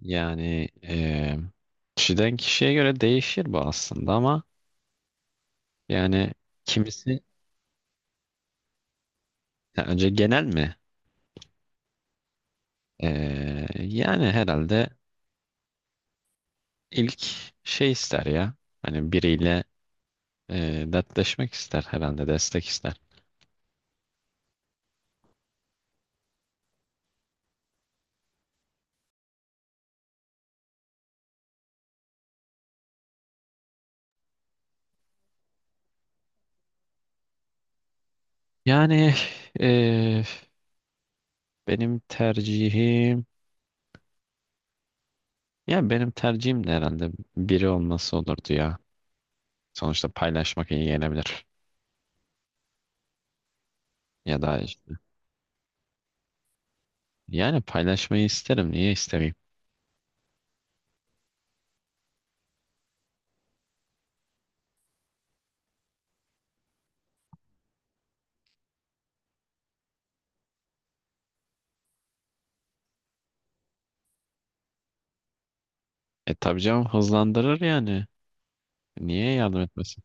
Yani kişiden kişiye göre değişir bu aslında ama yani kimisi, ya önce genel mi? Yani herhalde ilk şey ister ya. Hani biriyle dertleşmek ister herhalde, destek ister. Yani eee, benim tercihim, benim tercihim de herhalde biri olması olurdu ya. Sonuçta paylaşmak iyi gelebilir. Ya da işte- yani paylaşmayı isterim. Niye istemeyeyim? E tabii canım, hızlandırır yani. Niye yardım etmesin?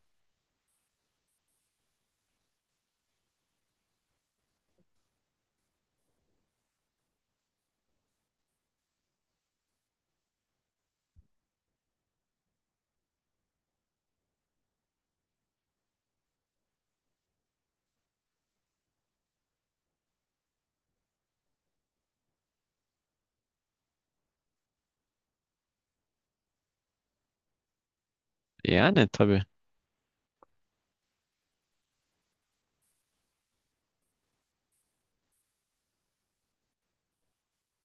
Yani tabii.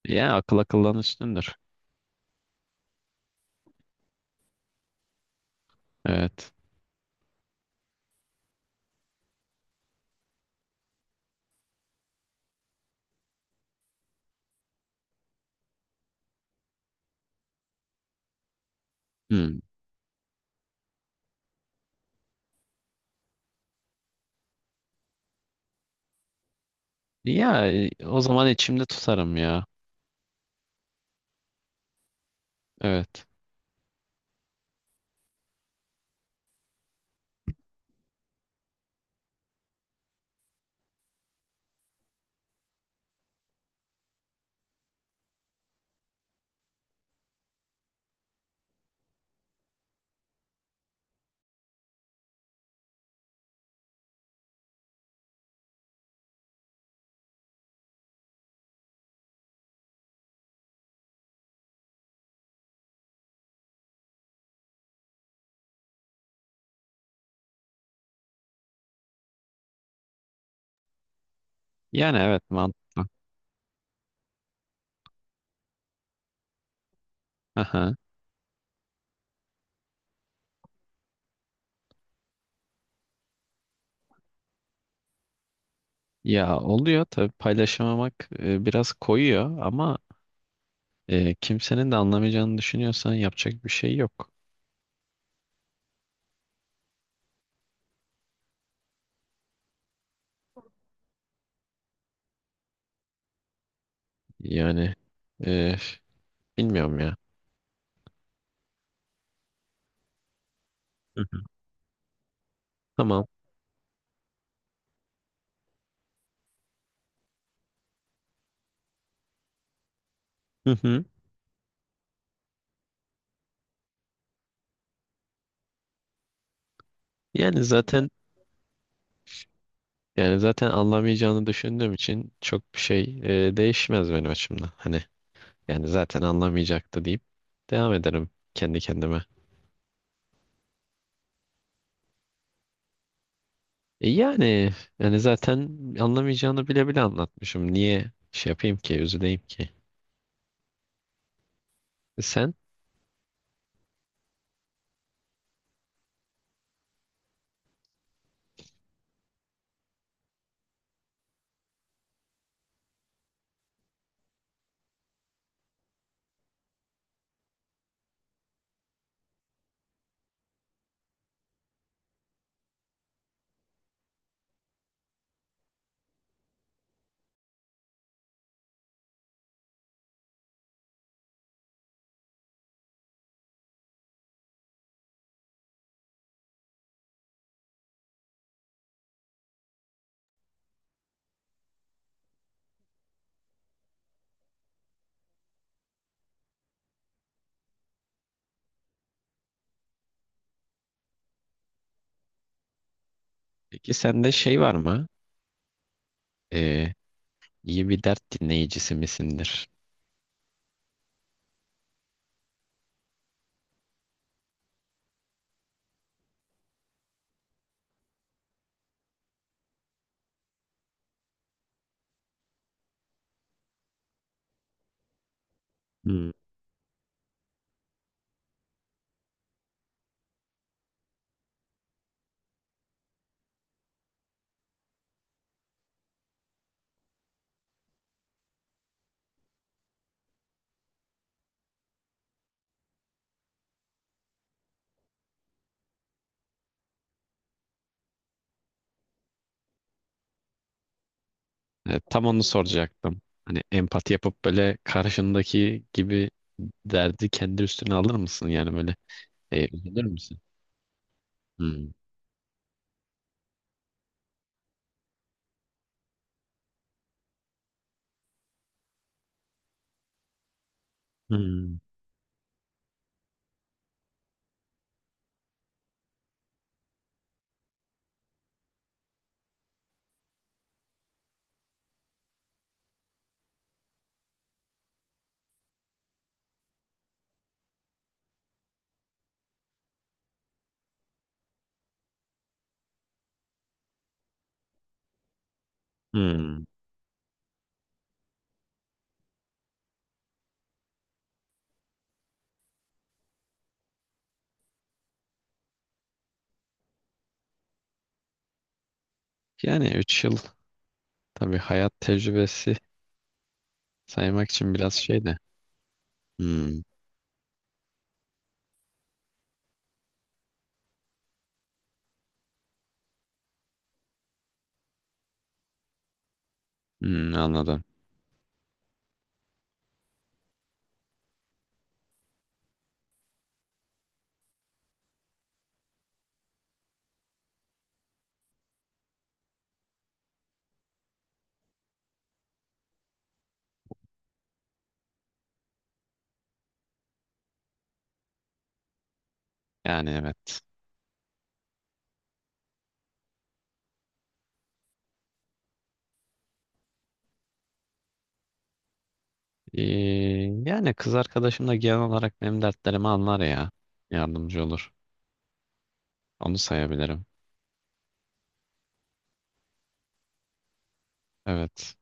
Ya akıl akıldan üstündür. Evet. Hmm. Ya o zaman içimde tutarım ya. Evet. Yani evet, mantıklı. Aha. Ya oluyor tabii, paylaşamamak biraz koyuyor ama kimsenin de anlamayacağını düşünüyorsan yapacak bir şey yok. Yani e, bilmiyorum ya. Hı hı. Tamam. Hı hı. Yani zaten yani zaten anlamayacağını düşündüğüm için çok bir şey değişmez benim açımdan. Hani, yani zaten anlamayacaktı deyip devam ederim kendi kendime. E yani yani zaten anlamayacağını bile bile anlatmışım. Niye şey yapayım ki, üzüleyim ki? E sen, peki sende şey var mı? E, iyi bir dert dinleyicisi misindir? Hmm. E, tam onu soracaktım. Hani empati yapıp böyle karşındaki gibi derdi kendi üstüne alır mısın? Yani böyle üzülür müsün? Hmm. Hmm. Hmm. Yani 3 yıl tabii hayat tecrübesi. Saymak için biraz şey de. Hmm. Hmm, anladım. Yani evet. Ee, yani kız arkadaşım da genel olarak benim dertlerimi anlar ya. Yardımcı olur. Onu sayabilirim. Evet.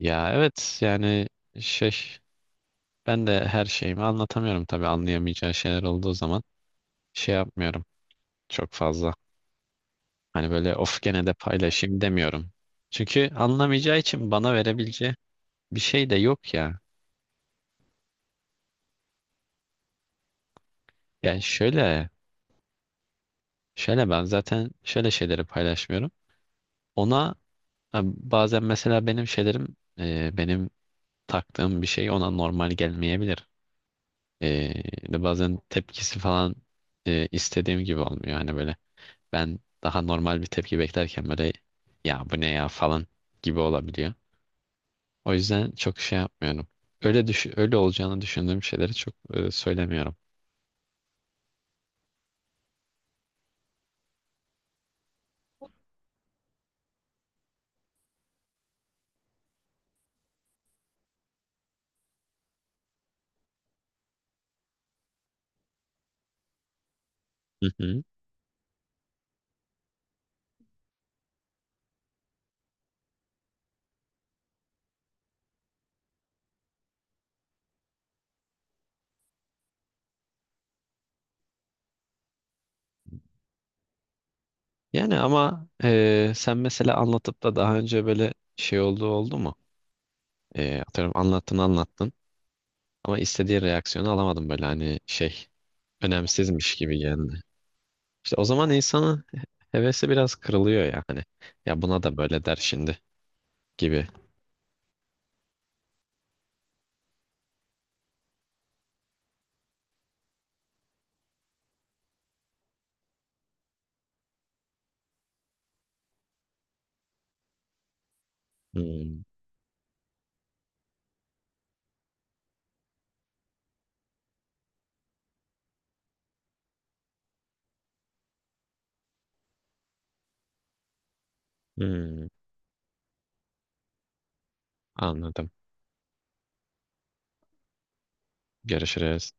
Ya evet, yani şey, ben de her şeyimi anlatamıyorum tabii, anlayamayacağı şeyler olduğu zaman şey yapmıyorum çok fazla. Hani böyle of, gene de paylaşayım demiyorum. Çünkü anlamayacağı için bana verebileceği bir şey de yok ya. Yani şöyle, şöyle ben zaten şöyle şeyleri paylaşmıyorum. Ona, e, bazen mesela benim şeylerim, benim taktığım bir şey ona normal gelmeyebilir. E, de bazen tepkisi falan istediğim gibi olmuyor. Hani böyle ben daha normal bir tepki beklerken böyle ya bu ne ya falan gibi olabiliyor. O yüzden çok şey yapmıyorum. Öyle düş öyle olacağını düşündüğüm şeyleri çok söylemiyorum. Hı hı. Yani ama sen mesela anlatıp da daha önce böyle şey olduğu oldu mu? Atıyorum anlattın anlattın. Ama istediği reaksiyonu alamadım, böyle hani şey önemsizmiş gibi geldi. İşte o zaman insanın hevesi biraz kırılıyor yani. Ya buna da böyle der şimdi gibi. Hmm. Hmm, anladım. Görüşürüz.